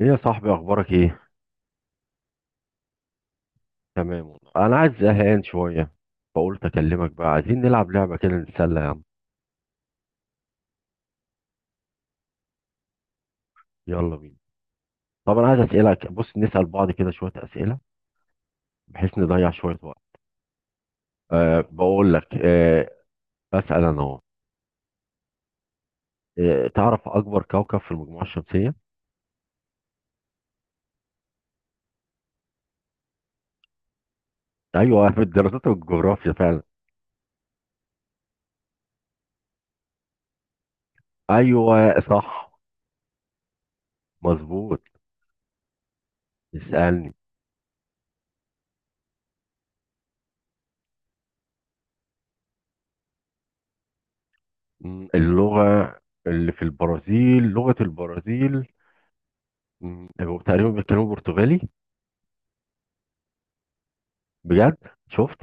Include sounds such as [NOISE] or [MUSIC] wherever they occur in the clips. ايه يا صاحبي، اخبارك ايه؟ تمام والله، انا عايز زهقان شويه. فقلت اكلمك بقى، عايزين نلعب لعبه كده نتسلى يا عم. يلا بينا. طب انا عايز اسالك، بص نسال بعض كده شويه اسئله، بحيث نضيع شويه وقت. أه، بقول لك أه، اسال انا اهو. أه، تعرف اكبر كوكب في المجموعه الشمسيه؟ ايوه، في الدراسات والجغرافيا فعلا. ايوه. صح. مظبوط. اسالني. مم، اللغه اللي في البرازيل، لغه البرازيل. مم، تقريبا بيتكلموا برتغالي. بجد. شفت؟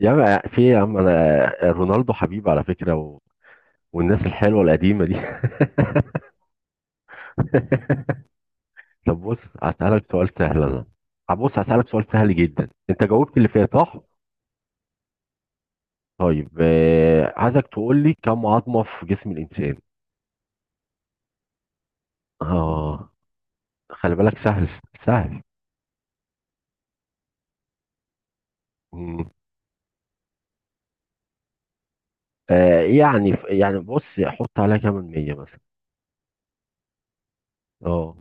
يا عم في إيه يا عم، انا رونالدو حبيبي على فكرة و... والناس الحلوة القديمة دي. [LAUGHS] طب بص، هسألك سؤال سهل انا. هبص هسألك سؤال سهل جدا. انت جاوبت اللي فات صح؟ طيب عايزك تقول لي كم عظمة في جسم الإنسان؟ اه، خلي بالك سهل. سهل. مم. يعني يعني بص، حط عليها كام مية مثلا. اه.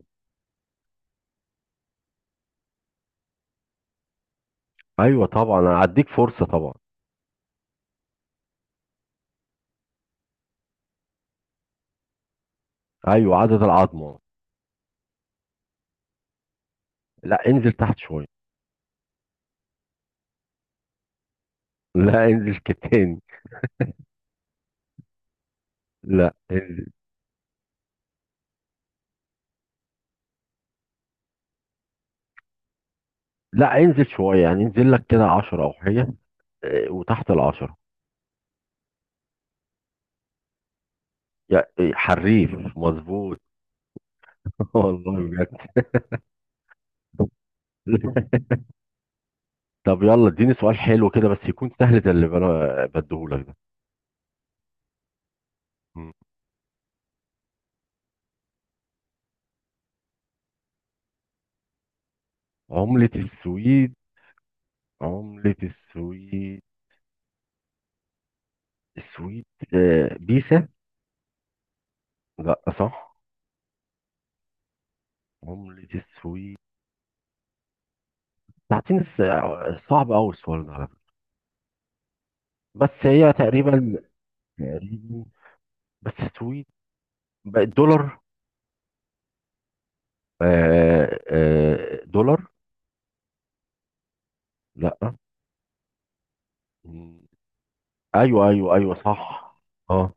ايوه طبعا، انا هديك فرصة طبعا. ايوه، عدد العظمة. لا، انزل تحت شوية. لا، انزل كتاني. لا. لا، انزل شوية يعني، انزل لك كده عشرة أو حاجة. وتحت العشرة. يا إيه، حريف! مظبوط. [LAUGHS] والله بجد. [LAUGHS] طب يلا، اديني سؤال حلو كده بس يكون سهل زي اللي انا بديهولك ده. مم. عملة السويد. عملة السويد. السويد. بيسا. لا، صح؟ عملة السويد. تعطيني صعب قوي السؤال ده على فكرة. بس هي تقريبا، تقريبا، بس السويد بقت دولار. دولار. لا. مم. ايوه ايوه ايوه، صح. اه.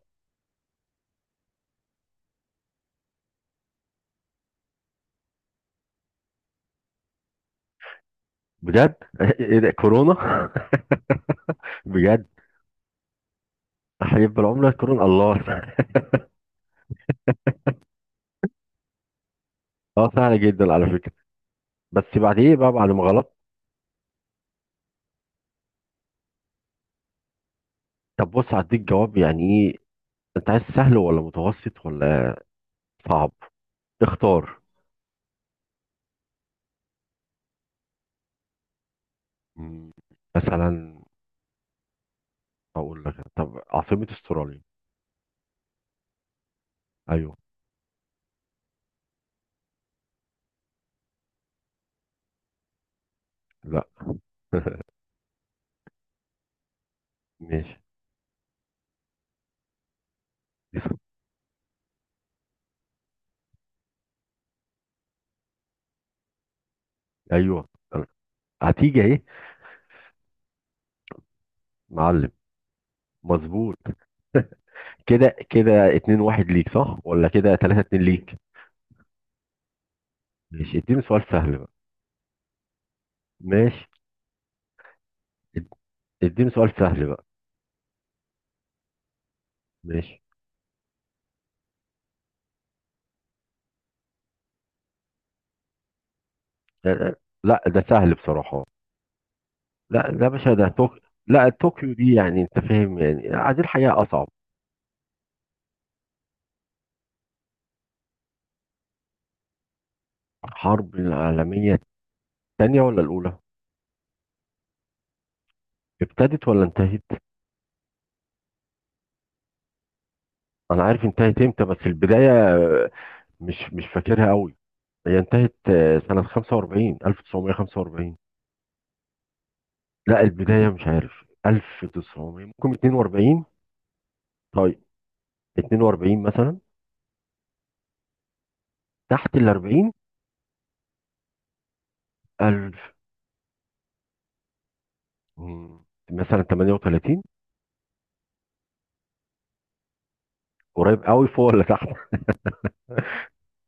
بجد [LAUGHS] ايه ده، كورونا؟ [LAUGHS] بجد. تحريف بالعمله كورونا، الله! [LAUGHS] اه سهل جدا على فكره، بس بعد ايه بقى، بعد ما غلطت. طب بص، هديك جواب يعني ايه، انت عايز سهل ولا متوسط ولا صعب؟ اختار. مم. مثلا اقول لك، طب عاصمه استراليا؟ ايوه. لا. [LAUGHS] ماشي. ايوه، هتيجي اهي. معلم. مظبوط. كده كده اتنين واحد ليك صح، ولا كده تلاتة اتنين ليك؟ ماشي. اديني سؤال سهل بقى. ماشي. اد- اديني سؤال سهل بقى. ماشي. لا لا، ده سهل بصراحة. لا، ده مش ده طوكيو؟ لا طوكيو دي يعني انت فاهم، يعني عايزين الحقيقة اصعب. الحرب العالمية الثانية ولا الأولى؟ ابتدت ولا انتهت؟ انا عارف انتهت امتى، بس البداية مش فاكرها قوي. هي انتهت سنة 45، 1945. لا البداية مش عارف، 1900 ممكن، 42. طيب. 42 مثلا. تحت ال 40. مم. مثلا 38. قريب قوي، فوق ولا تحت؟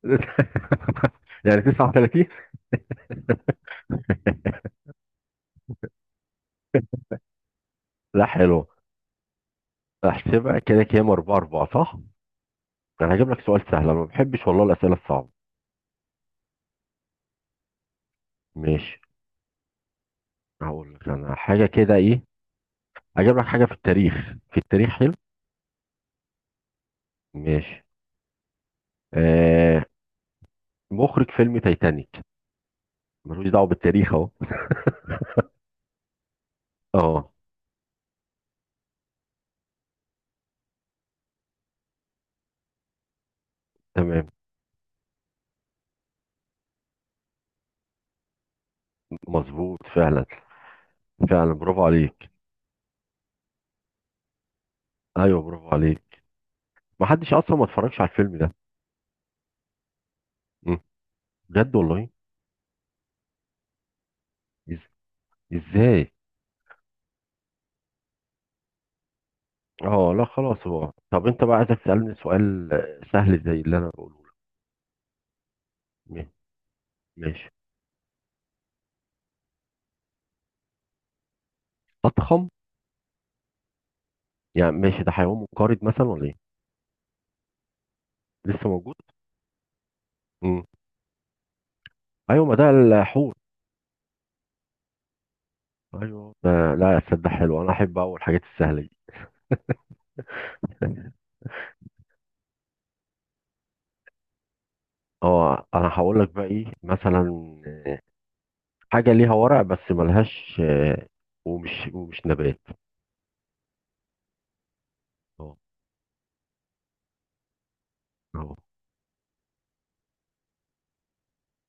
[LAUGHS] يعني 39. لا، حلو. احسبها كده كام، 4 4 صح؟ انا هجيب لك سؤال سهل، انا ما بحبش والله الاسئله الصعبه. ماشي. هقول لك انا حاجه كده ايه. هجيب لك حاجه في التاريخ. في التاريخ، حلو. ماشي. آه. مخرج فيلم تايتانيك. ملوش دعوه بالتاريخ اهو. اه. تمام. مظبوط فعلا. فعلا، برافو عليك. ايوه، برافو عليك. ما حدش اصلا ما اتفرجش على الفيلم ده. مم. بجد والله. ازاي؟ اه لا خلاص. هو طب انت بقى، عايزك تسألني سؤال سهل زي اللي انا بقوله لك. ما- ماشي. اضخم؟ يعني ماشي، ده حيوان منقرض مثلا ولا ايه؟ لسه موجود. امم. ايوه، ما ده الحوت. ايوه ده، لا تصدق، حلو. انا احب اول الحاجات السهله دي. [LAUGHS] اه، انا هقول لك بقى ايه مثلا. آه، حاجه ليها ورق بس ملهاش، ومش نبات. اه. اه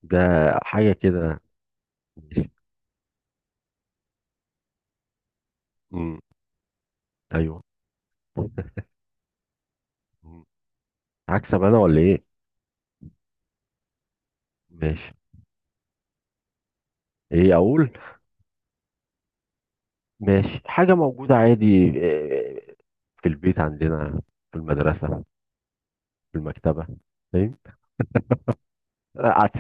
ده. حاجه كده. ماشي. امم. ايوه. مم. هكسب انا ولا ايه؟ ماشي. ايه اقول؟ ماشي، حاجة موجودة عادي، في البيت عندنا، في المدرسة، في المكتبة، فاهم؟ آه،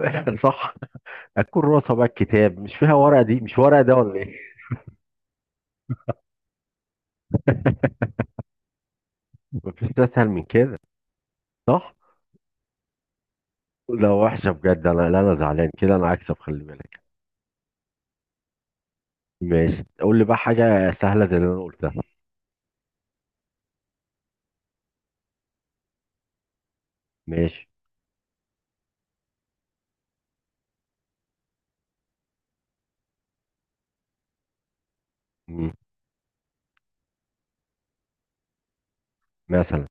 عسل [LAUGHS] صح. الكراسة بقى، الكتاب مش فيها ورقة دي؟ مش ورقة ده ولا ايه؟ [LAUGHS] مفيش اسهل من كده، صح؟ لا وحشة بجد، انا لا انا زعلان كده، انا هكسب خلي بالك. ماشي. قول لي بقى حاجة سهلة زي اللي انا قلتها. ماشي. مم. مثلا.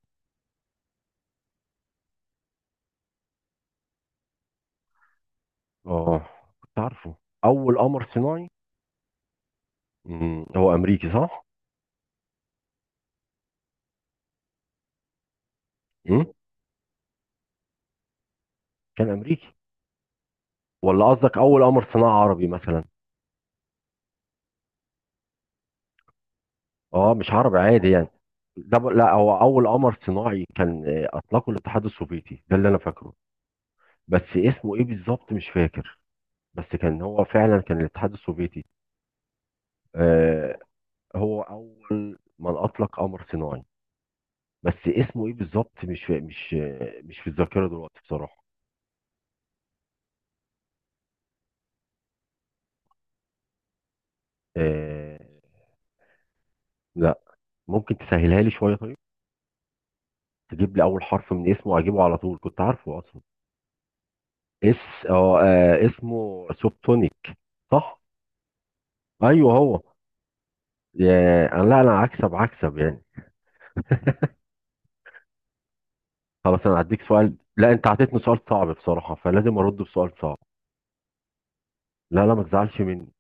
اه، كنت عارفه. اول قمر صناعي. مم. هو امريكي صح؟ مم. كان امريكي؟ ولا قصدك اول قمر صناعي عربي مثلا؟ اه مش عربي عادي يعني. لا، هو اول قمر صناعي كان اطلقه الاتحاد السوفيتي، ده اللي انا فاكره. بس اسمه ايه بالظبط مش فاكر. بس كان هو فعلا، كان الاتحاد السوفيتي. آه، هو اول من اطلق قمر صناعي، بس اسمه ايه بالظبط مش مش في الذاكره دلوقتي بصراحه. آه. لا. ممكن تسهلها لي شويه طيب، تجيب لي اول حرف من اسمه، اجيبه على طول كنت عارفه اصلا. اس اه، اسمه سوبتونيك. صح. ايوه هو. يا أنا، لا أنا هكسب، هكسب يعني. خلاص أنا هديك سؤال. لا أنت عطيتني سؤال صعب بصراحة، فلازم أرد بسؤال صعب. لا لا، ما تزعلش مني.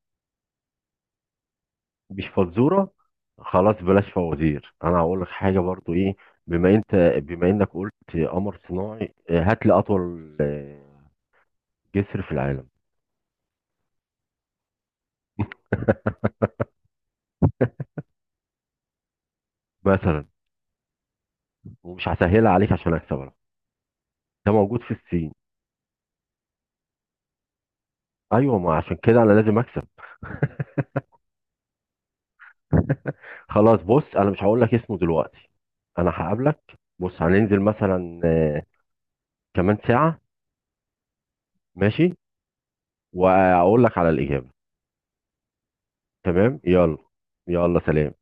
مش فزورة. خلاص، بلاش فوازير. أنا هقول لك حاجة برضو إيه. بما إنك قلت قمر صناعي، هات لي أطول جسر في العالم. [LAUGHS] مثلا. ومش هسهلها عليك عشان أكسب أنا. ده موجود في الصين. أيوة، ما عشان كده أنا لازم أكسب. [LAUGHS] خلاص بص، انا مش هقول لك اسمه دلوقتي. انا هقابلك. بص هننزل مثلا كمان ساعة. ماشي. وأقول لك على الإجابة. تمام. يلا. يلا سلام.